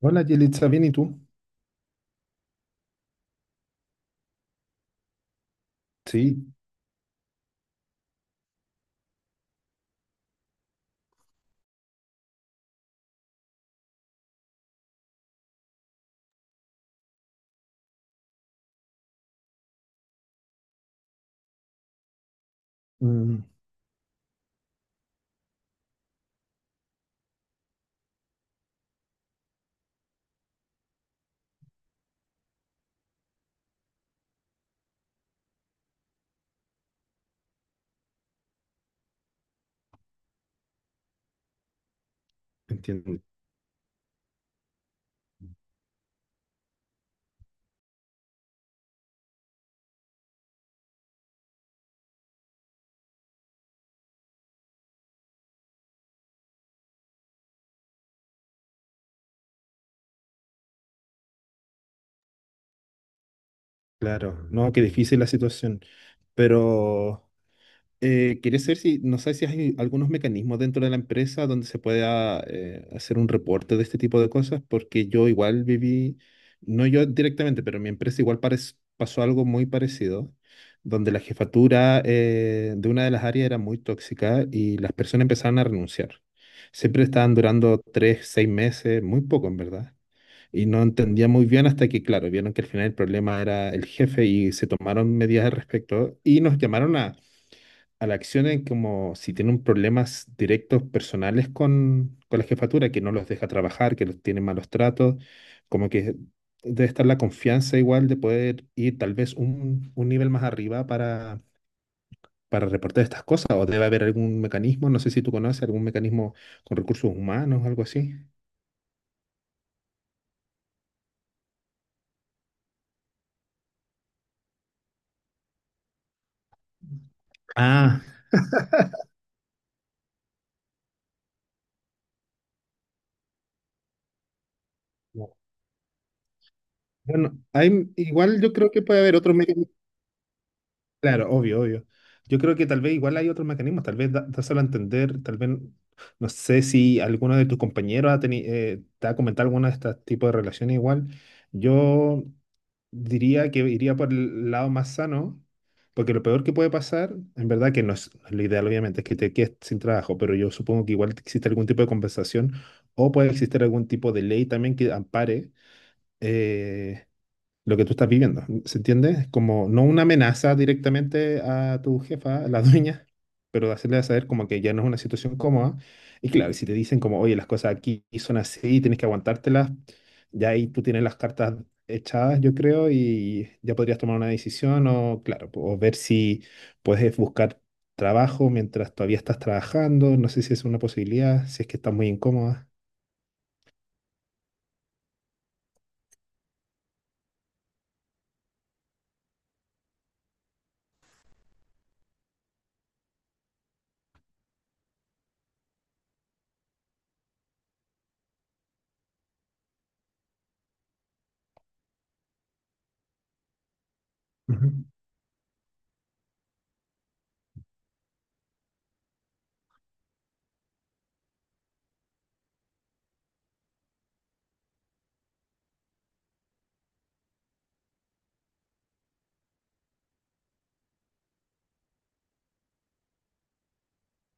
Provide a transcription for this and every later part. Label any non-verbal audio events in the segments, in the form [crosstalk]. Hola, Yelitza, ¿bien y tú? Sí, mm, entiendo. Claro, no, qué difícil la situación. Pero quería saber si, no sé si hay algunos mecanismos dentro de la empresa donde se pueda hacer un reporte de este tipo de cosas, porque yo igual viví, no yo directamente, pero mi empresa igual pasó algo muy parecido, donde la jefatura de una de las áreas era muy tóxica y las personas empezaron a renunciar. Siempre estaban durando tres, seis meses, muy poco en verdad. Y no entendía muy bien hasta que, claro, vieron que al final el problema era el jefe y se tomaron medidas al respecto y nos llamaron a la acción en como si tienen problemas directos personales con la jefatura, que no los deja trabajar, que los tiene malos tratos, como que debe estar la confianza igual de poder ir tal vez un nivel más arriba para reportar estas cosas o debe haber algún mecanismo, no sé si tú conoces algún mecanismo con recursos humanos, algo así. Ah. Bueno, hay, igual yo creo que puede haber otros mecanismos. Claro, obvio, obvio. Yo creo que tal vez igual hay otros mecanismos, tal vez dáselo a entender, tal vez, no sé si alguno de tus compañeros te ha comentado alguna de estos tipos de relaciones igual. Yo diría que iría por el lado más sano, porque lo peor que puede pasar, en verdad que no es, no es lo ideal, obviamente, es que te quedes sin trabajo, pero yo supongo que igual existe algún tipo de compensación o puede existir algún tipo de ley también que ampare. eh, lo que tú estás viviendo. ¿Se entiende? Como no una amenaza directamente a tu jefa, a la dueña, pero de hacerle saber como que ya no es una situación cómoda. Y claro, y si te dicen como, oye, las cosas aquí son así, tienes que aguantártelas, ya ahí tú tienes las cartas echadas, yo creo, y ya podrías tomar una decisión o, claro, o ver si puedes buscar trabajo mientras todavía estás trabajando. No sé si es una posibilidad, si es que estás muy incómoda. Ujú.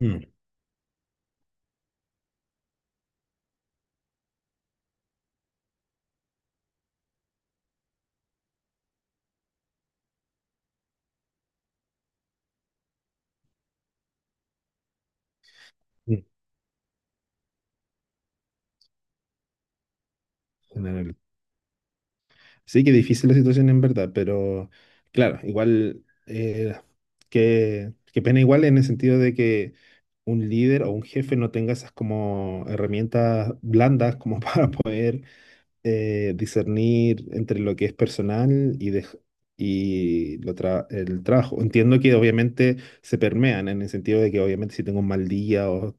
Mm, mm, en el sí, que difícil la situación en verdad, pero claro, igual, que pena igual en el sentido de que un líder o un jefe no tenga esas como herramientas blandas como [laughs] para poder discernir entre lo que es personal y el trabajo. Entiendo que obviamente se permean en el sentido de que obviamente si tengo un mal día o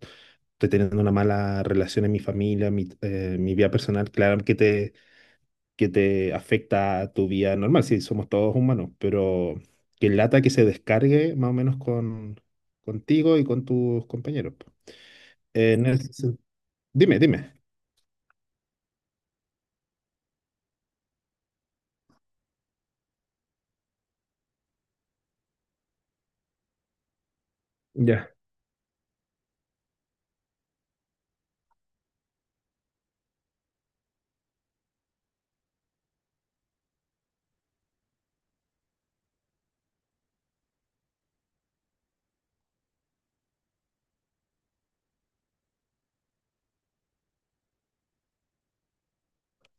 estoy teniendo una mala relación en mi familia, mi, mi vida personal, claro que te afecta a tu vida normal, sí, somos todos humanos, pero que lata que se descargue más o menos con, contigo y con tus compañeros. Po. Eh, En el sen- Dime, dime. Ya,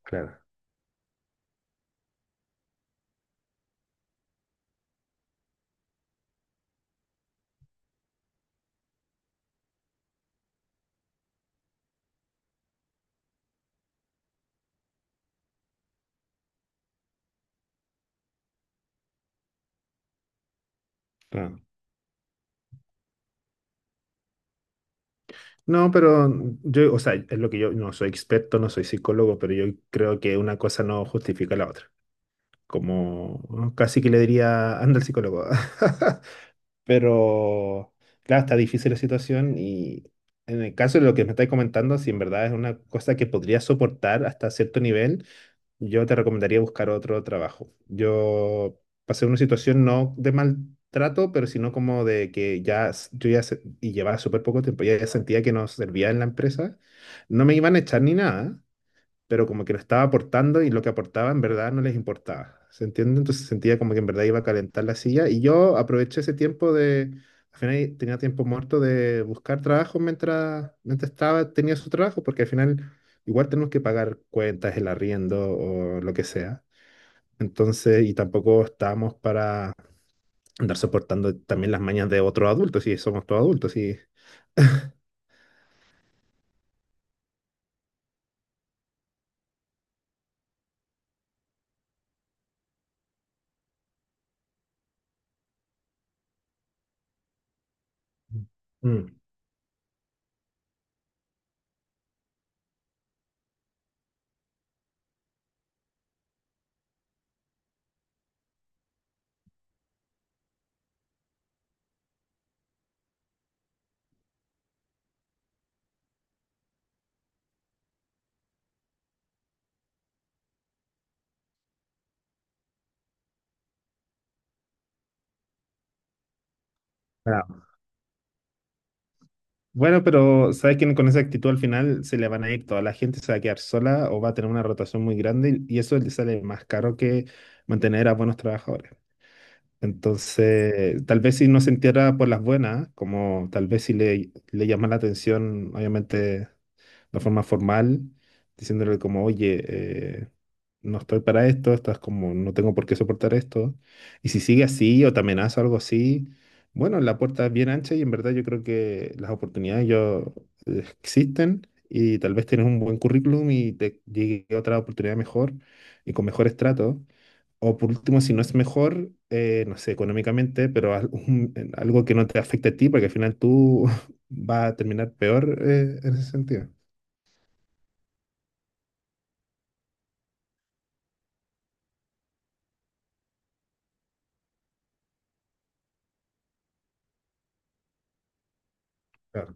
claro. Claro. No, pero yo, o sea, es lo que yo no soy experto, no soy psicólogo, pero yo creo que una cosa no justifica la otra. Como ¿no? Casi que le diría, anda al psicólogo. [laughs] Pero, claro, está difícil la situación y en el caso de lo que me estáis comentando, si en verdad es una cosa que podría soportar hasta cierto nivel, yo te recomendaría buscar otro trabajo. Yo pasé una situación no de maltrato, pero sino como de que y llevaba súper poco tiempo, ya sentía que no servía en la empresa. No me iban a echar ni nada, pero como que no estaba aportando y lo que aportaba en verdad no les importaba. ¿Se entiende? Entonces sentía como que en verdad iba a calentar la silla y yo aproveché ese tiempo de, al final tenía tiempo muerto de buscar trabajo mientras estaba, tenía su trabajo, porque al final igual tenemos que pagar cuentas, el arriendo o lo que sea. Entonces, y tampoco estábamos para andar soportando también las mañas de otros adultos, si somos todos adultos, y... Mm. Bueno, pero sabes que con esa actitud al final se le van a ir toda la gente, se va a quedar sola o va a tener una rotación muy grande y eso le sale más caro que mantener a buenos trabajadores. Entonces, tal vez si no se entierra por las buenas, como tal vez si le, le llama la atención, obviamente una forma formal, diciéndole como, oye, eh, no estoy para esto, estás como, no tengo por qué soportar esto. Y si sigue así o te amenaza o algo así, bueno, la puerta es bien ancha y en verdad yo creo que las oportunidades yo, existen y tal vez tienes un buen currículum y te llegue otra oportunidad mejor y con mejores tratos. O por último, si no es mejor, no sé, económicamente, pero en algo que no te afecte a ti, porque al final tú [laughs] vas a terminar peor, en ese sentido. Claro.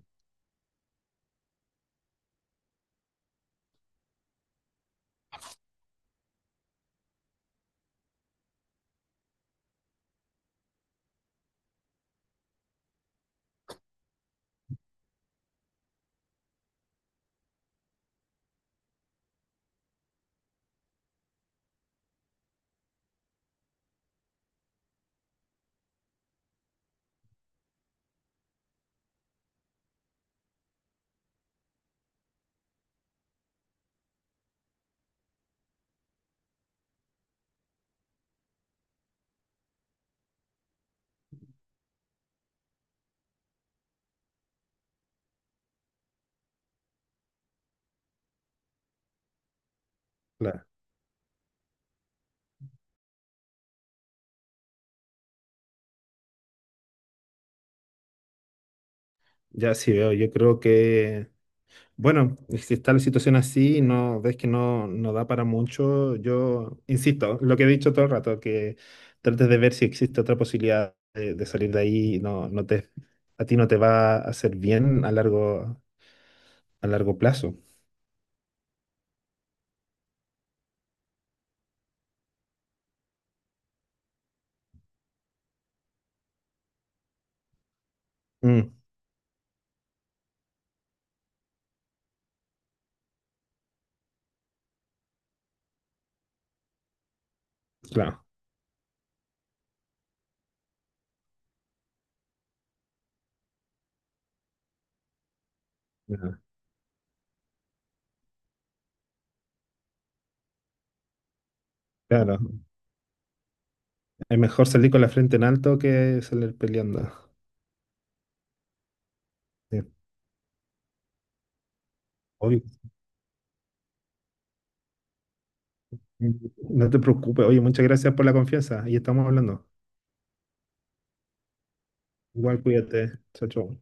Claro, ya sí veo, yo creo que, bueno, si está la situación así, y no ves que no, no da para mucho, yo insisto, lo que he dicho todo el rato, que trates de ver si existe otra posibilidad de salir de ahí, no, no te, a ti no te va a hacer bien a largo plazo. Mm, claro, ya, claro, es mejor salir con la frente en alto que salir peleando. Sí, obvio. No te preocupes, oye, muchas gracias por la confianza y estamos hablando. Igual cuídate, chao, chao.